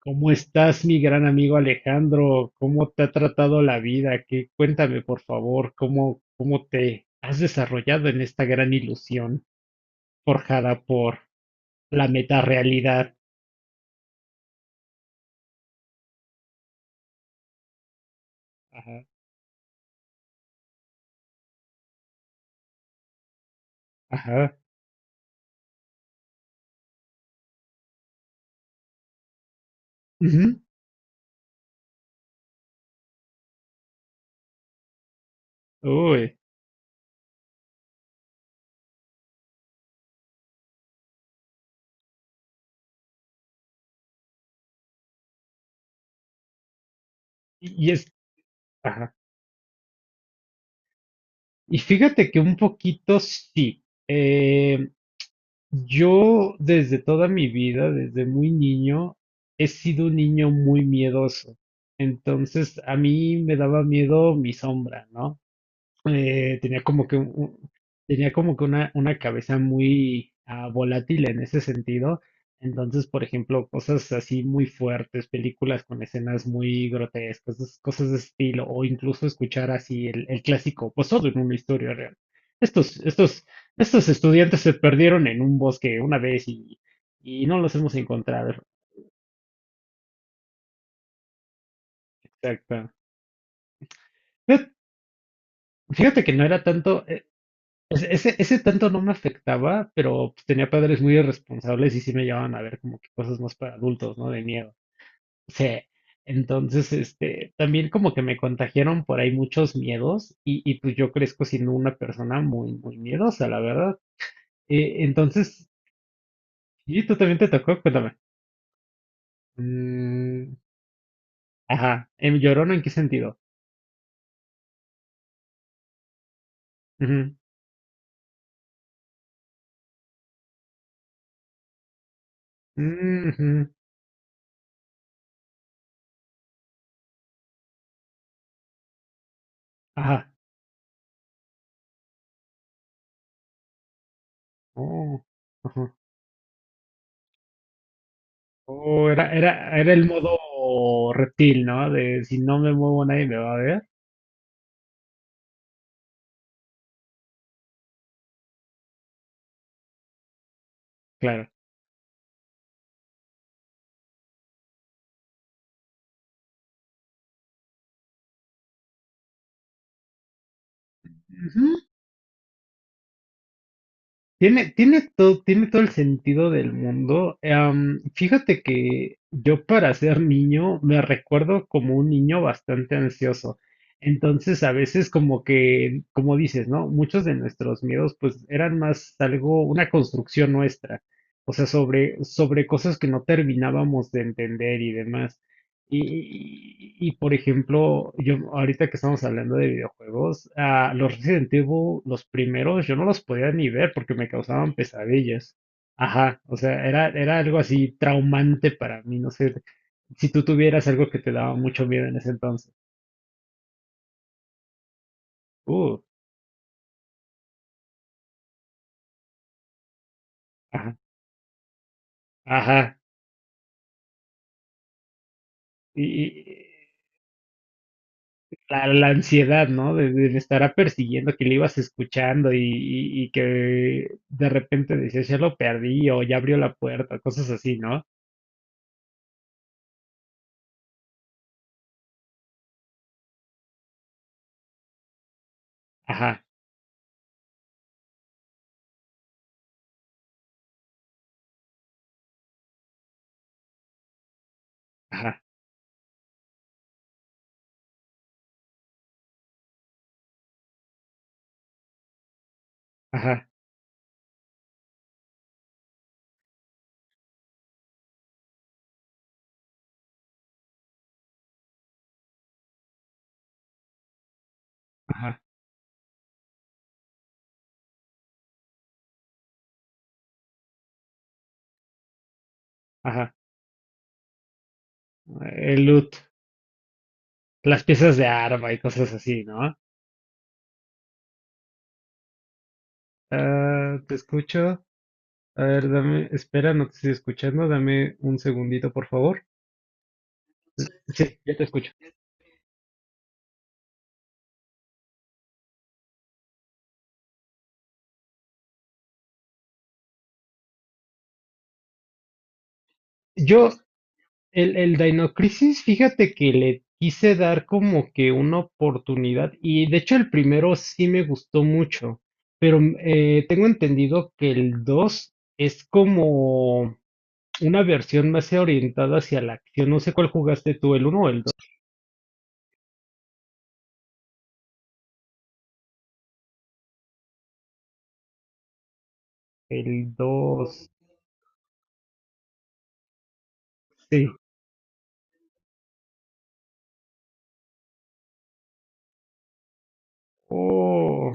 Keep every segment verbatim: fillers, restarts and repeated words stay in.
¿Cómo estás, mi gran amigo Alejandro? ¿Cómo te ha tratado la vida? ¿Qué? Cuéntame, por favor, ¿cómo, cómo te has desarrollado en esta gran ilusión forjada por la metarealidad? Ajá, ajá. Ujú. Uy. y y es, ajá. Y fíjate que un poquito sí. eh, yo desde toda mi vida, desde muy niño, he sido un niño muy miedoso. Entonces, a mí me daba miedo mi sombra, ¿no? Eh, tenía como que un- un- tenía como que una, una cabeza muy ah, volátil en ese sentido. Entonces, por ejemplo, cosas así muy fuertes, películas con escenas muy grotescas, esas cosas de estilo, o incluso escuchar así el, el clásico, pues todo en una historia real. Estos, estos, estos estudiantes se perdieron en un bosque una vez y, y no los hemos encontrado. Exacto. Fíjate fíjate que no era tanto. O sea, ese, ese tanto no me afectaba, pero pues, tenía padres muy irresponsables y sí me llevaban a ver como que cosas más para adultos, ¿no? De miedo. O sea, entonces, este, también como que me contagiaron por ahí muchos miedos y, y pues yo crezco siendo una persona muy, muy miedosa, la verdad. Eh, entonces, ¿y tú también te tocó? Cuéntame. Mm, ajá. ¿En llorón en qué sentido? Ujú. Mm, ujú. Ajá. Oh, ajá. Oh, era, era, era el modo reptil, ¿no? De si no me muevo nadie me va a ver. Claro. Ujú. Tiene, tiene todo, tiene todo el sentido del mundo. Eh, fíjate que yo para ser niño me recuerdo como un niño bastante ansioso. Entonces a veces como que, como dices, ¿no? Muchos de nuestros miedos pues eran más algo, una construcción nuestra. O sea, sobre, sobre cosas que no terminábamos de entender y demás. Y, y, por ejemplo, yo ahorita que estamos hablando de videojuegos, ah, los Resident Evil, los primeros, yo no los podía ni ver porque me causaban pesadillas. Ajá, o sea, era, era algo así traumante para mí, no sé, si tú tuvieras algo que te daba mucho miedo en ese entonces. Uh, ajá, ajá. Y, y la, la ansiedad, ¿no? De, de- de estará persiguiendo, que le ibas escuchando y, y- y que de repente decías, ya lo perdí o ya abrió la puerta, cosas así, ¿no? Ajá, ajá, ajá, ajá, ajá. El loot, las piezas de arma y cosas así, ¿no? Ah, te escucho. A ver, dame, espera, no te estoy escuchando. Dame un segundito, por favor. Sí, ya te escucho. Yo, el, el Dino Crisis, fíjate que le quise dar como que una oportunidad y de hecho el primero sí me gustó mucho, pero mm, eh, tengo entendido que el dos es como... Una versión más orientada hacia la acción. No sé cuál jugaste tú, el uno o el dos. El dos. Sí. Oh,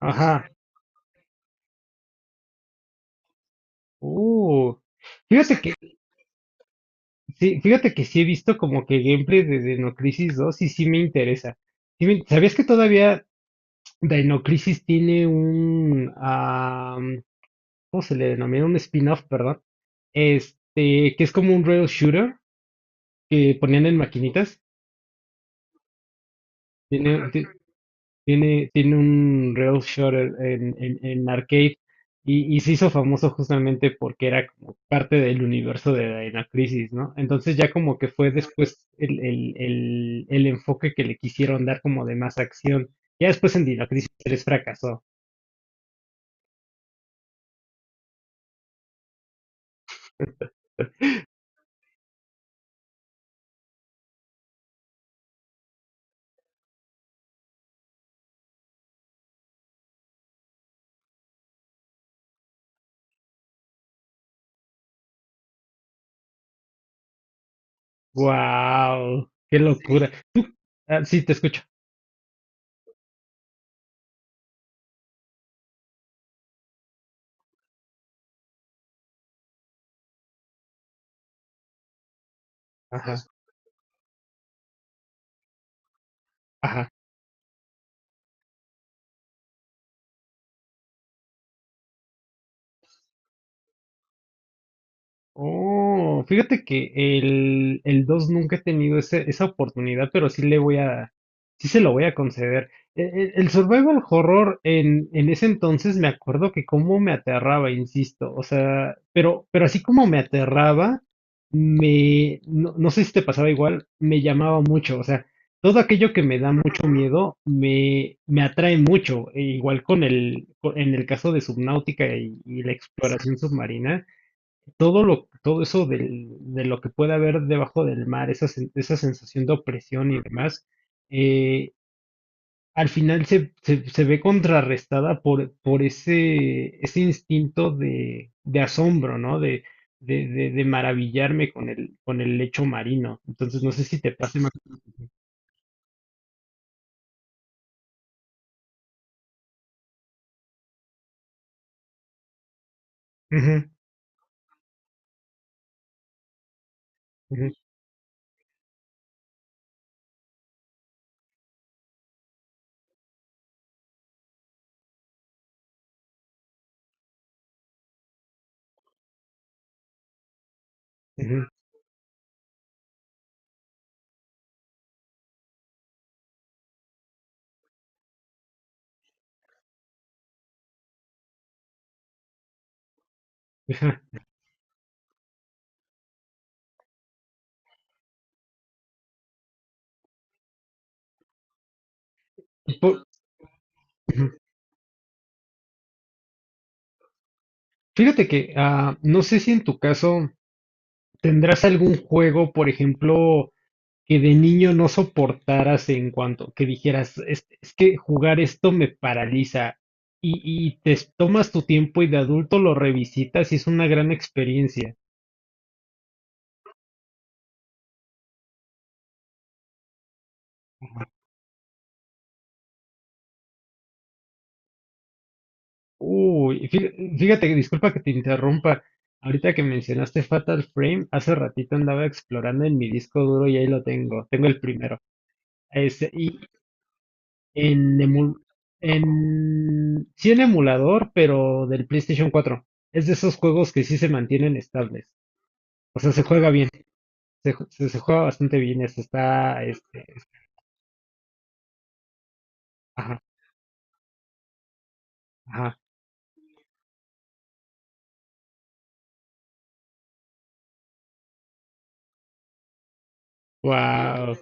ajá. Uh. Fíjate que sí, fíjate que sí he visto como que gameplay de Dino Crisis dos y sí me interesa. Sí me- ¿Sabías que todavía Dino Crisis tiene un ah, ¿cómo se le denomina? Un spin-off, perdón. Este, que es como un rail shooter que ponían en maquinitas. Tiene, tiene un rail shooter en, en, en arcade y, y se hizo famoso justamente porque era como parte del universo de Dino Crisis, ¿no? Entonces ya como que fue después el, el, el, el enfoque que le quisieron dar como de más acción. Ya después en Dino Crisis tres fracasó. ¡Wow! ¡Qué locura! Tú- ah, sí, te escucho. Ajá, ajá. Oh, fíjate que el, el dos nunca he tenido ese- esa oportunidad, pero sí le voy a, sí se lo voy a conceder. E- e- El, survival horror en, en ese entonces me acuerdo que cómo me aterraba, insisto, o sea, pero, pero así como me aterraba, me, no, no sé si te pasaba igual, me llamaba mucho, o sea, todo aquello que me da mucho miedo me, me atrae mucho, e igual con el, co- en el caso de Subnáutica y y la exploración submarina. Todo lo, todo eso del- de lo que puede haber debajo del mar, esa, sen- esa sensación de opresión y demás, eh, al final se, se- se ve contrarrestada por, por ese, ese instinto de, de asombro, ¿no? De, de, de- de maravillarme con el, con el lecho marino. Entonces, no sé si te pasa. Max. Ujú, ujú, ujú, ajá. Y por- ujú. Fíjate que, ah, no sé si en tu caso tendrás algún juego, por ejemplo, que de niño no soportaras en cuanto que dijeras, es, es que jugar esto me paraliza y, y te s- tomas tu tiempo y de adulto lo revisitas y es una gran experiencia. Uy, fí- fíjate, disculpa que te interrumpa. Ahorita que mencionaste Fatal Frame, hace ratito andaba explorando en mi disco duro y ahí lo tengo, tengo el primero. Ese, y en, emul- en, sí en emulador, pero del PlayStation cuatro. Es de esos juegos que sí se mantienen estables. O sea, se juega bien. Se, ju- se- se juega bastante bien. Eso está, este, es- ajá, ajá. Wow.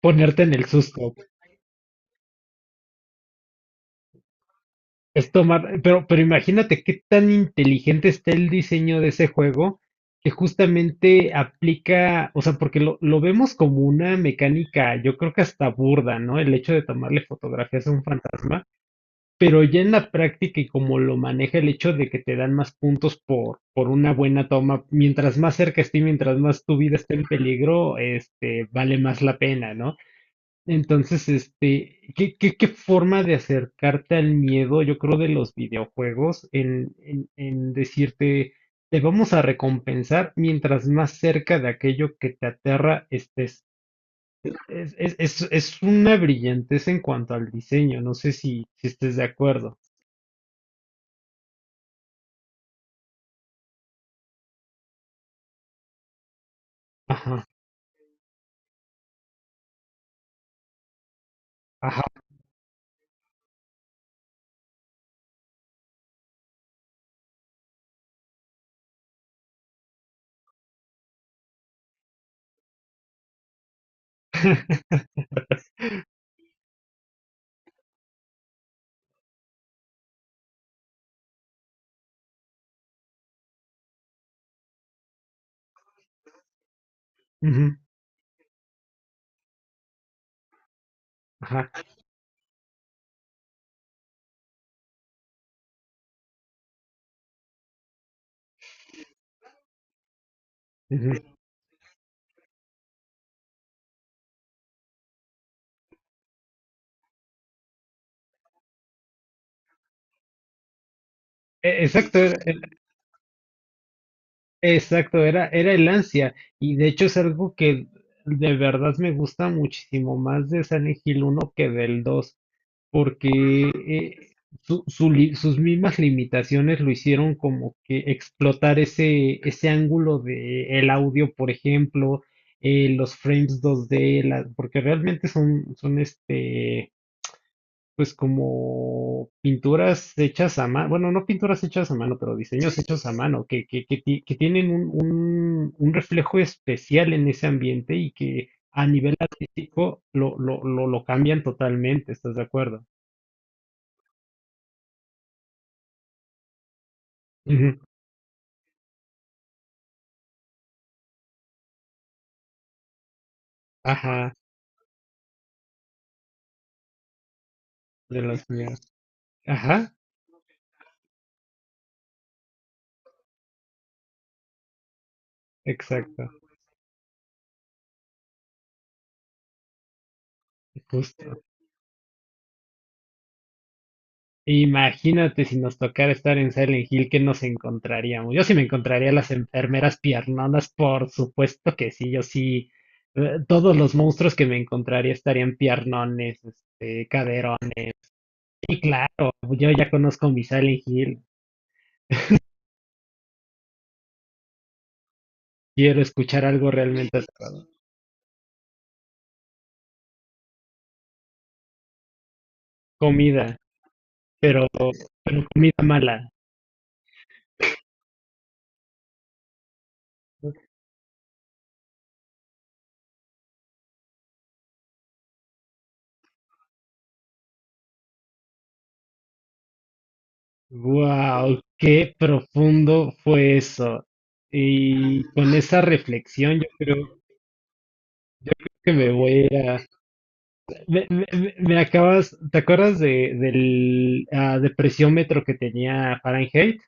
Ponerte en el susto. Es tomar, pero, pero imagínate qué tan inteligente está el diseño de ese juego que justamente aplica, o sea, porque lo, lo vemos como una mecánica, yo creo que hasta burda, ¿no? El hecho de tomarle fotografías a un fantasma, pero ya en la práctica y como lo maneja el hecho de que te dan más puntos por, por una buena toma, mientras más cerca esté, mientras más tu vida esté en peligro, este, vale más la pena, ¿no? Entonces, este, ¿qué, qué, qué forma de acercarte al miedo, yo creo, de los videojuegos en, en, en decirte, te vamos a recompensar mientras más cerca de aquello que te aterra estés? Es, es, es, es una brillantez en cuanto al diseño, no sé si, si estés de acuerdo. Ajá. Ujú, ajá, ujú. E- Exacto, era- era- exacto, era, era el ansia. Y de hecho es algo que de verdad me gusta muchísimo más de Silent Hill uno que del dos, porque eh, su- su li- sus mismas limitaciones lo hicieron como que explotar ese, ese ángulo de el audio, por ejemplo, eh, los frames dos d la- porque realmente son, son este pues como pinturas hechas a mano, bueno, no pinturas hechas a mano, pero diseños hechos a mano, que, que, que, ti- que tienen un, un, un reflejo especial en ese ambiente y que a nivel artístico lo, lo, lo, lo cambian totalmente, ¿estás de acuerdo? Ujú. Ajá, de las mías. Ajá, exacto, justo. Imagínate si nos tocara estar en Silent Hill, ¿qué nos encontraríamos? Yo sí me encontraría a las enfermeras piernonas, por supuesto que sí, yo sí. eh, Todos los monstruos que me encontraría estarían piernones, este, caderones. Y claro, yo ya conozco mi Silent Hill. Quiero escuchar algo realmente aterrador. Comida, pero, pero comida mala. Wow, qué profundo fue eso. Y con esa reflexión, yo creo, yo creo que me voy a ir. Me, me- me acabas, ¿te acuerdas de, del ah, depresiómetro que tenía Fahrenheit?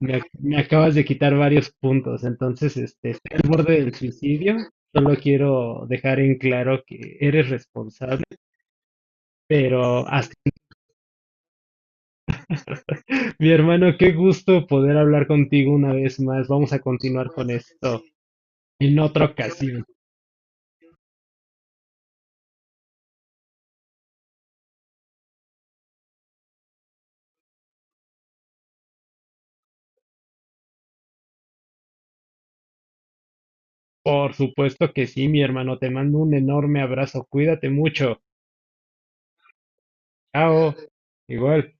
Me, ac- me acabas de quitar varios puntos, entonces este, estoy al borde del suicidio. Solo quiero dejar en claro que eres responsable, pero hasta- mi hermano, qué gusto poder hablar contigo una vez más. Vamos a continuar con esto en otra ocasión. Por supuesto que sí, mi hermano. Te mando un enorme abrazo. Cuídate mucho. Chao. Igual.